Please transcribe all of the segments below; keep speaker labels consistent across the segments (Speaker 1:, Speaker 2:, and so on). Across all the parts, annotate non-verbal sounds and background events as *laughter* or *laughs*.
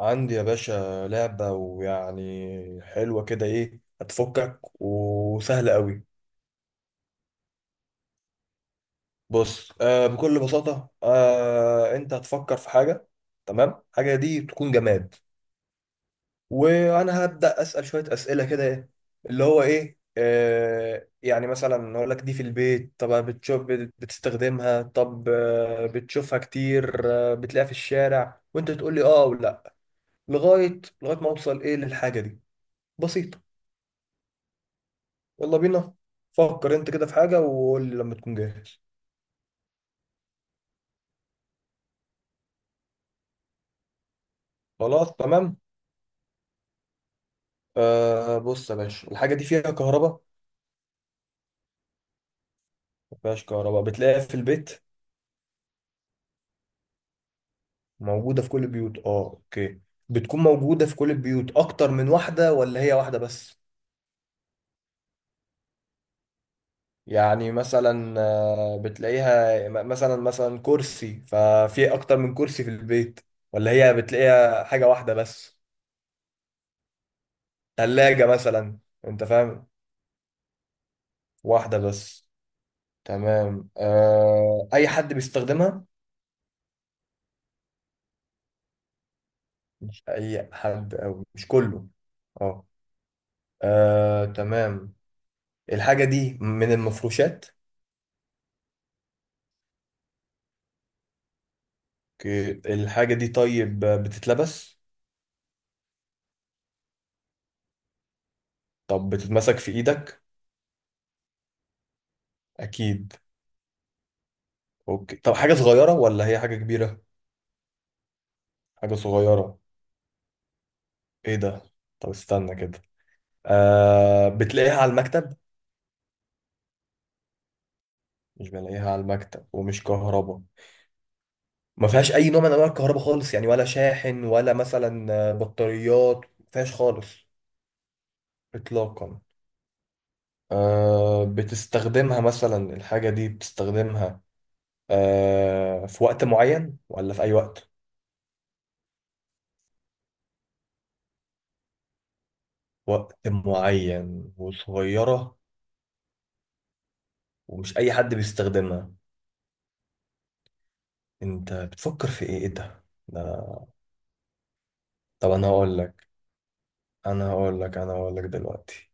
Speaker 1: عندي يا باشا لعبة ويعني حلوة كده هتفكك وسهلة قوي. بص، بكل بساطة، انت هتفكر في حاجة. تمام، حاجة دي تكون جماد، وانا هبدأ اسأل شوية اسئلة كده اللي هو ايه آه يعني مثلا اقول لك دي في البيت، طب بتشوف بتستخدمها؟ طب بتشوفها كتير؟ بتلاقيها في الشارع؟ وانت تقول لي اه او لا، لغاية ما اوصل للحاجة دي. بسيطة. يلا بينا. فكر انت كده في حاجة وقول لي لما تكون جاهز. خلاص تمام. بص يا باشا، الحاجة دي فيها كهرباء؟ ما فيهاش كهرباء. بتلاقيها في البيت؟ موجودة في كل البيوت، اه، اوكي. بتكون موجودة في كل البيوت اكتر من واحدة ولا هي واحدة بس؟ يعني مثلا بتلاقيها مثلا، كرسي، ففي اكتر من كرسي في البيت، ولا هي بتلاقيها حاجة واحدة بس؟ ثلاجة مثلا. انت فاهم. واحدة بس. تمام. اي حد بيستخدمها؟ مش اي حد او مش كله. اه. تمام. الحاجة دي من المفروشات؟ اوكي. الحاجة دي طيب بتتلبس؟ طب بتتمسك في ايدك؟ اكيد. اوكي. طب حاجة صغيرة ولا هي حاجة كبيرة؟ حاجة صغيرة. ايه ده؟ طب استنى كده. بتلاقيها على المكتب؟ مش بلاقيها على المكتب، ومش كهرباء. ما فيهاش اي نوع من انواع الكهرباء خالص، يعني ولا شاحن ولا مثلا بطاريات، ما فيهاش خالص. اطلاقا. بتستخدمها مثلا؟ الحاجة دي بتستخدمها في وقت معين ولا في أي وقت؟ وقت معين وصغيرة، ومش أي حد بيستخدمها. أنت بتفكر في إيه؟ إيه ده؟ ده طب أنا هقول لك، أنا هقول لك دلوقتي.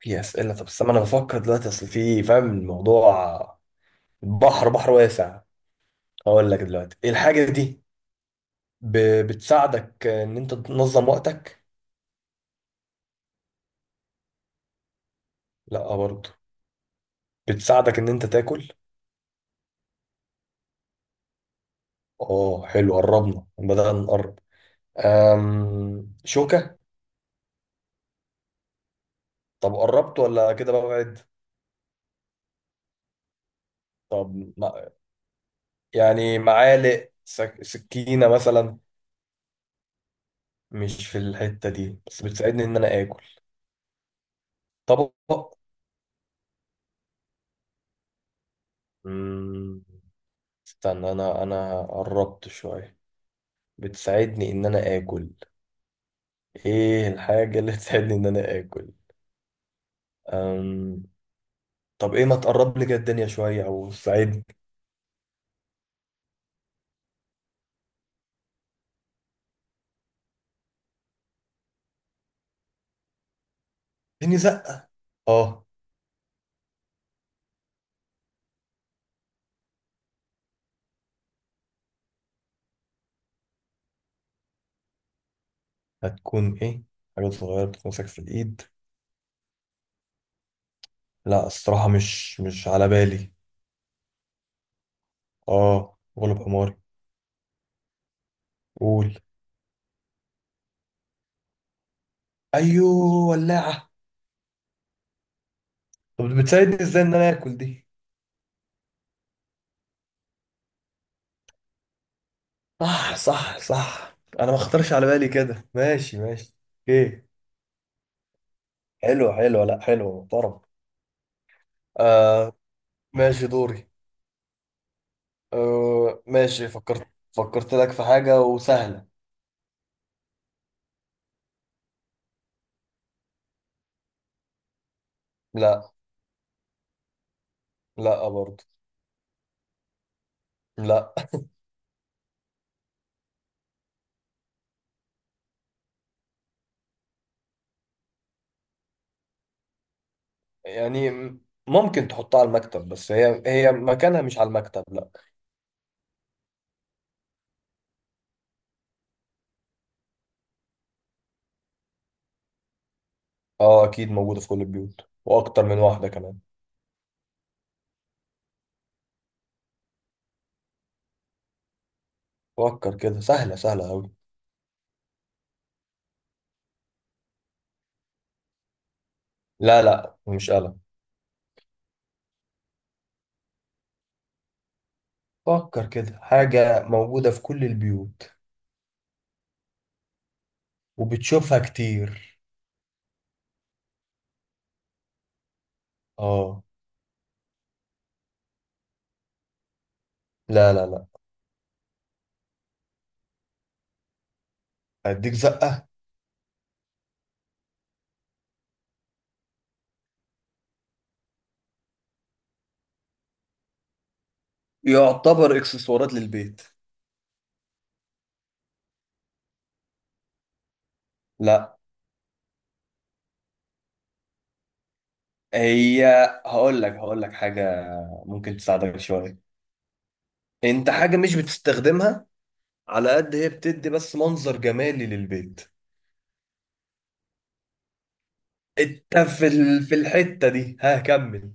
Speaker 1: في أسئلة. طب استنى، أنا بفكر دلوقتي، أصل في فاهم الموضوع. بحر واسع. هقول لك دلوقتي إيه الحاجة دي. بتساعدك إن أنت تنظم وقتك؟ لأ برضه. بتساعدك إن أنت تاكل؟ اه، حلو، قربنا، بدأنا نقرب. أم... شوكة؟ طب قربت ولا كده ببعد؟ طب ما... يعني معالق، سكينة مثلا؟ مش في الحتة دي، بس بتساعدني ان انا اكل. طبق؟ مم... استنى، انا قربت شوية. بتساعدني ان انا اكل. ايه الحاجة اللي *laughs* تساعدني ان انا اكل؟ أم... طب ايه، ما تقرب لي كده الدنيا شوية او ساعدني. اديني زقة. اه. هتكون ايه؟ حاجة صغيرة بتتمسك في الإيد. لا الصراحة مش مش على بالي. اه غلب حماري. قول. أيوه ولاعة. طب بتساعدني ازاي إن أنا آكل دي؟ صح صح صح، أنا ما خطرش على بالي كده، ماشي ماشي. ايه. حلوة حلوة، لا حلوة محترم. آه ماشي، دوري. آه ماشي فكرت. فكرت لك في حاجة وسهلة. لا. لا برضه. لا. يعني ممكن تحطها على المكتب، بس هي مكانها مش على المكتب، لا. اه اكيد موجودة في كل البيوت، واكتر من واحدة كمان. فكر كده، سهلة اوي. لا مش قلم. فكر كده حاجة موجودة في كل البيوت وبتشوفها كتير. اه. لا. هديك زقة. يعتبر اكسسوارات للبيت. لا. هي هقول لك، حاجة ممكن تساعدك شوية. انت حاجة مش بتستخدمها، على قد هي بتدي بس منظر جمالي للبيت. انت في ال... في الحتة دي، ها، كمل.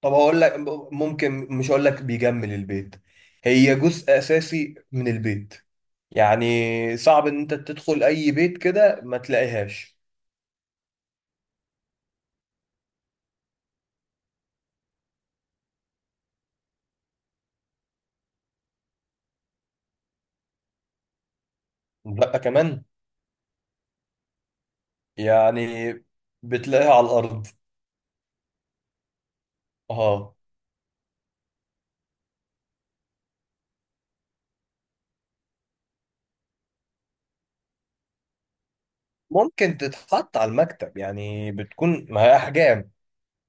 Speaker 1: طب هقول لك، ممكن مش هقول لك بيجمل البيت، هي جزء اساسي من البيت. يعني صعب ان انت تدخل اي بيت كده ما تلاقيهاش. لا كمان. يعني بتلاقيها على الارض. اه. ممكن تتحط على المكتب يعني، بتكون ما هي احجام،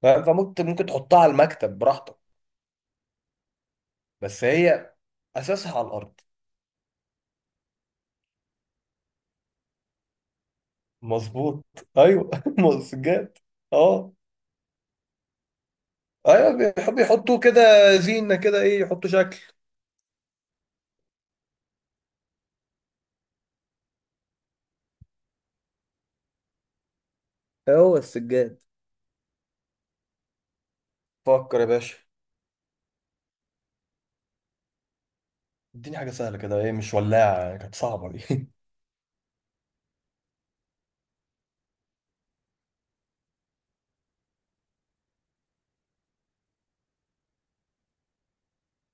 Speaker 1: فممكن، تحطها على المكتب براحتك، بس هي اساسها على الارض. مظبوط. ايوه *laughs* مسجات. اه ايوه، بيحب يحطوه كده زينه كده، يحطوا شكل. هو السجاد. فكر يا باشا. اديني حاجة سهلة كده، مش ولاعة، يعني كانت صعبة دي *laughs*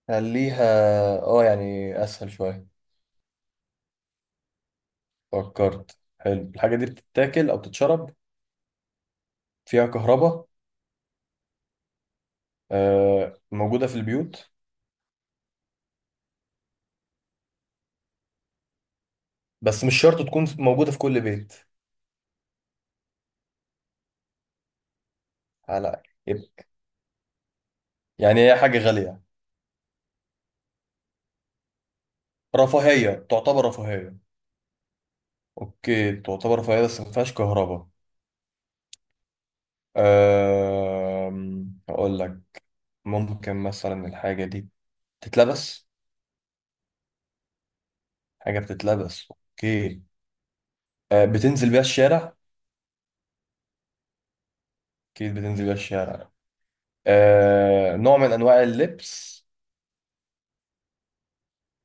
Speaker 1: خليها. اه يعني اسهل شوية. فكرت، حلو. الحاجة دي بتتاكل او بتتشرب؟ فيها كهرباء؟ آه موجودة في البيوت؟ بس مش شرط تكون موجودة في كل بيت. على يب- يعني هي حاجة غالية؟ رفاهية، تعتبر رفاهية. اوكي تعتبر رفاهية، بس ما فيهاش كهرباء. آه اقول لك، ممكن مثلا الحاجة دي تتلبس. حاجة بتتلبس، اوكي. بتنزل بيها الشارع. اكيد بتنزل بيها الشارع. نوع من انواع اللبس.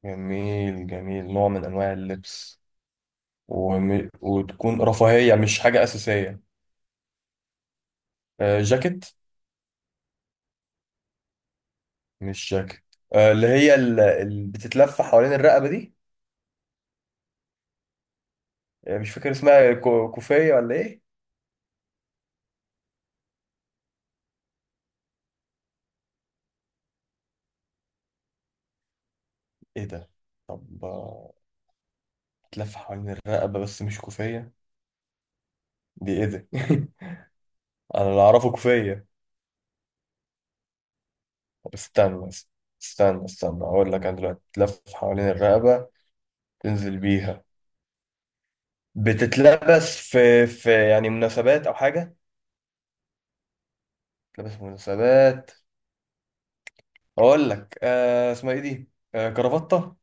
Speaker 1: جميل جميل، نوع من انواع اللبس، وتكون رفاهية، مش حاجة أساسية. جاكيت؟ مش جاكيت. اللي هي اللي بتتلف حوالين الرقبة دي. مش فاكر اسمها، كوفية ولا ايه؟ ايه ده؟ طب بتلف حوالين الرقبة بس مش كوفية، دي ايه ده *laughs* انا اللي اعرفه كوفية. طب استنى، استنى اقول لك انا دلوقتي، تلف حوالين الرقبة، تنزل بيها، بتتلبس في يعني مناسبات او حاجة. تلبس في مناسبات. اقول لك، اسمها ايه دي، كرافتة.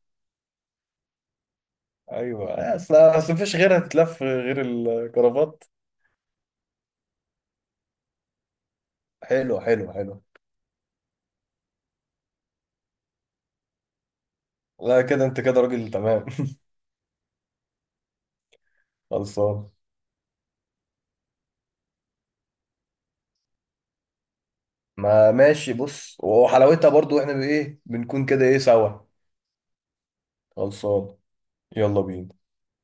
Speaker 1: ايوه اصل مفيش غيرها تتلف غير الكرافات. حلو حلو حلو. لا كده انت كده راجل تمام. *laughs* خلصان. ما ماشي. بص وحلاوتها برضو احنا بايه بنكون كده، سوا. خلصان. يلا بينا.